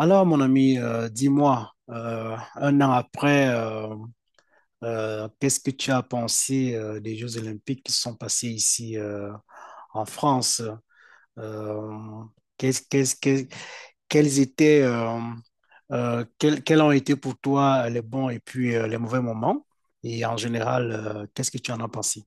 Alors, mon ami, dis-moi, un an après, qu'est-ce que tu as pensé des Jeux Olympiques qui sont passés ici en France? Euh, qu'est-ce- qu'est-ce- qu'est- quels étaient, quels ont été pour toi les bons et puis les mauvais moments? Et en général, qu'est-ce que tu en as pensé?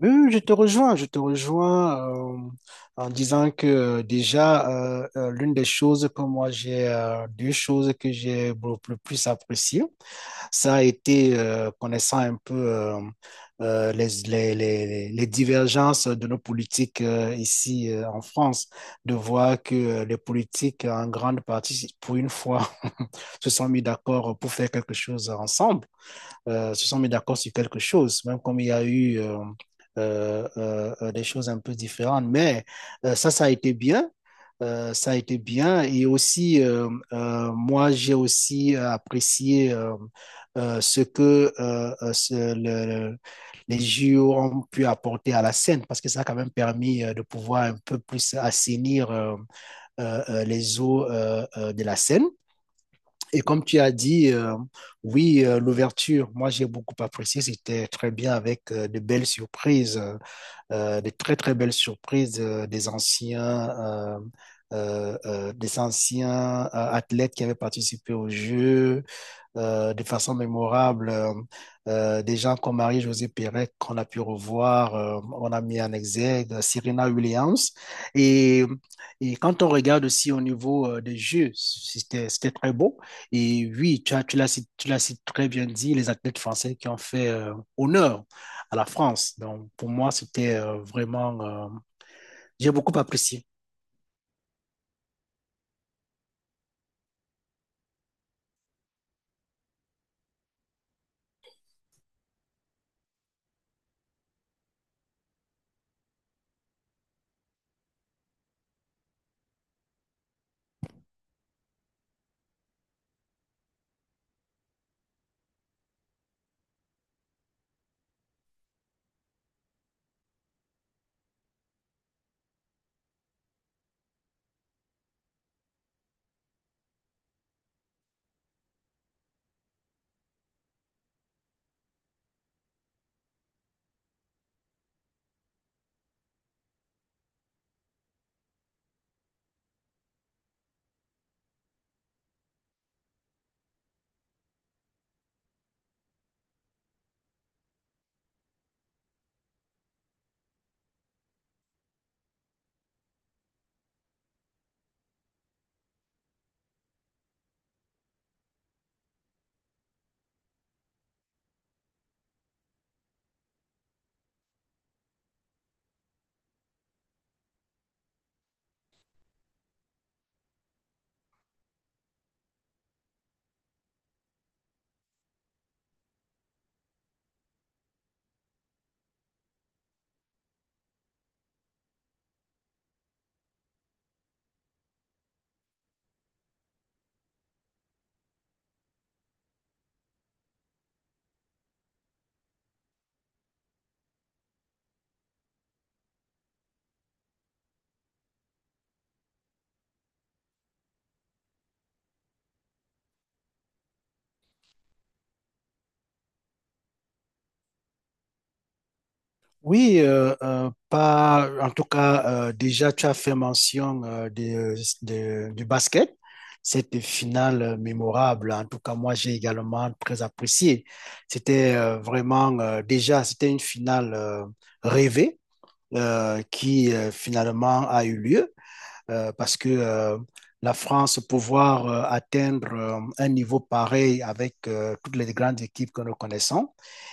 Oui, oui, je te rejoins en disant que déjà, l'une des choses que moi j'ai, deux choses que j'ai beaucoup le plus appréciées, ça a été connaissant un peu les divergences de nos politiques ici en France, de voir que les politiques en grande partie, pour une fois, se sont mis d'accord pour faire quelque chose ensemble se sont mis d'accord sur quelque chose, même comme il y a eu des choses un peu différentes. Mais ça, ça a été bien. Ça a été bien. Et aussi, moi, j'ai aussi apprécié ce que les JO ont pu apporter à la scène, parce que ça a quand même permis de pouvoir un peu plus assainir les eaux de la scène. Et comme tu as dit, oui, l'ouverture, moi j'ai beaucoup apprécié, c'était très bien avec de belles surprises, de très très belles surprises des anciens athlètes qui avaient participé au jeu, de façon mémorable. Des gens comme Marie-Josée Pérec qu'on a pu revoir, on a mis en exergue Serena Williams. Et, et quand on regarde aussi au niveau des jeux, c'était très beau. Et oui, tu as, tu l'as cit- très bien dit, les athlètes français qui ont fait honneur à la France. Donc pour moi, c'était vraiment... j'ai beaucoup apprécié. Oui, pas, En tout cas, déjà, tu as fait mention du basket, cette finale mémorable. En tout cas, moi, j'ai également très apprécié. C'était vraiment, déjà, c'était une finale rêvée qui finalement a eu lieu parce que la France pouvoir atteindre un niveau pareil avec toutes les grandes équipes que nous connaissons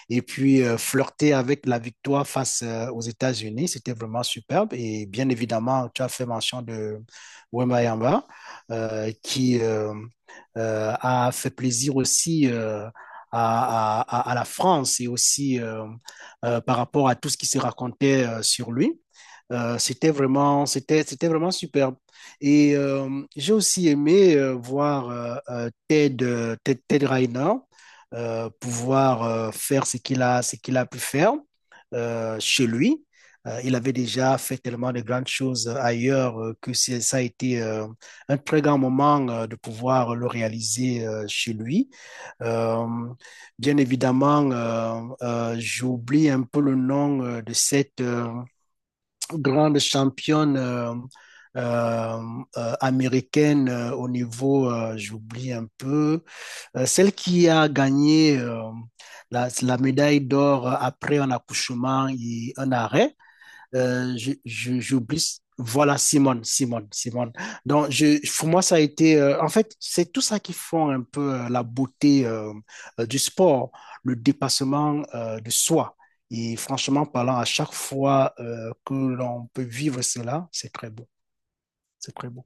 et puis flirter avec la victoire face aux États-Unis, c'était vraiment superbe. Et bien évidemment, tu as fait mention de Wemba qui a fait plaisir aussi. À, la France et aussi par rapport à tout ce qui se racontait sur lui. C'était vraiment, c'était vraiment superbe. Et j'ai aussi aimé voir Ted, Ted Rainer pouvoir faire ce qu'il a pu faire chez lui. Il avait déjà fait tellement de grandes choses ailleurs que ça a été un très grand moment de pouvoir le réaliser chez lui. Euh, bien évidemment, j'oublie un peu le nom de cette, grande championne euh, américaine au niveau, j'oublie un peu, celle qui a gagné la, la médaille d'or après un accouchement et un arrêt j'oublie. Voilà, Simone. Donc, je, pour moi, ça a été, en fait, c'est tout ça qui font un peu la beauté du sport, le dépassement de soi. Et franchement parlant, à chaque fois que l'on peut vivre cela, c'est très beau, c'est très beau.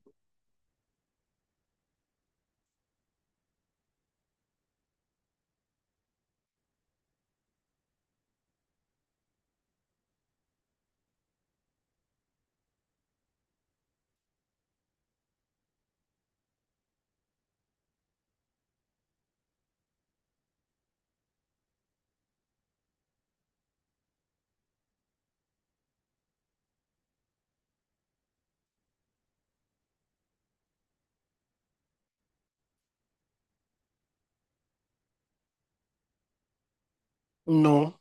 Non,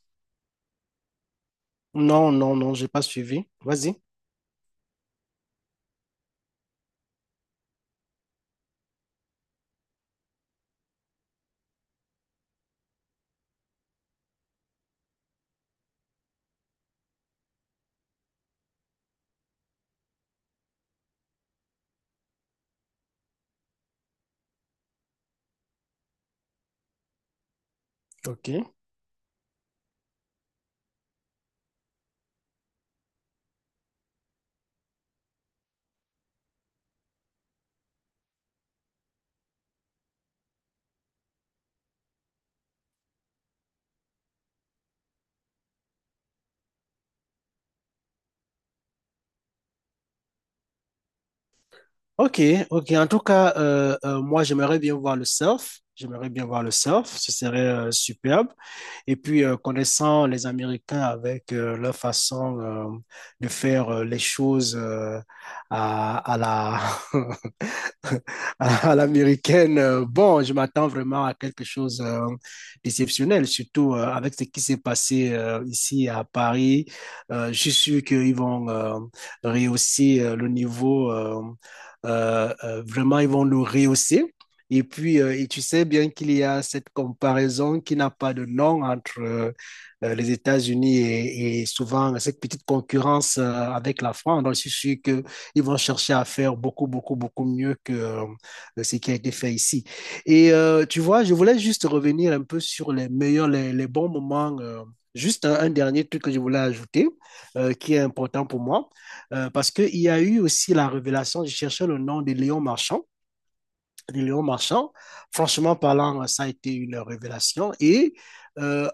non, non, non, j'ai pas suivi. Vas-y. Ok. Ok, ok. En tout cas, moi, j'aimerais bien voir le surf. J'aimerais bien voir le surf. Ce serait superbe. Et puis, connaissant les Américains avec leur façon de faire les choses à la à l'américaine. Bon, je m'attends vraiment à quelque chose d'exceptionnel, surtout avec ce qui s'est passé ici à Paris. Je suis sûr qu'ils vont rehausser le niveau, vraiment, ils vont le rehausser. Et puis, et tu sais bien qu'il y a cette comparaison qui n'a pas de nom entre les États-Unis et souvent cette petite concurrence avec la France. Donc, je suis sûr que ils vont chercher à faire beaucoup, beaucoup, beaucoup mieux que ce qui a été fait ici. Et tu vois, je voulais juste revenir un peu sur les meilleurs, les bons moments. Juste un dernier truc que je voulais ajouter, qui est important pour moi, parce qu'il y a eu aussi la révélation, je cherchais le nom de Léon Marchand, de Léon Marchand. Franchement parlant, ça a été une révélation et euh,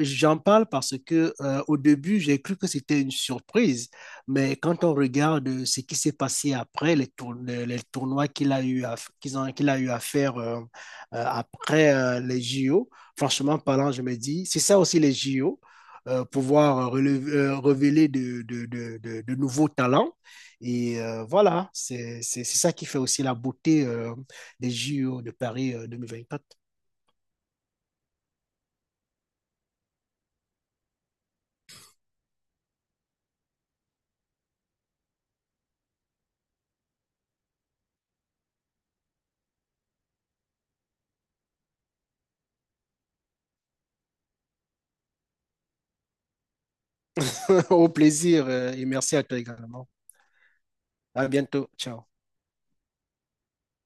j'en parle parce que au début, j'ai cru que c'était une surprise, mais quand on regarde ce qui s'est passé après tournois qu'il a eu à faire après les JO, franchement parlant, je me dis, c'est ça aussi les JO. Révéler de, de nouveaux talents. Et voilà, c'est ça qui fait aussi la beauté des JO de Paris 2024. Au plaisir et merci à toi également. À bientôt. Ciao.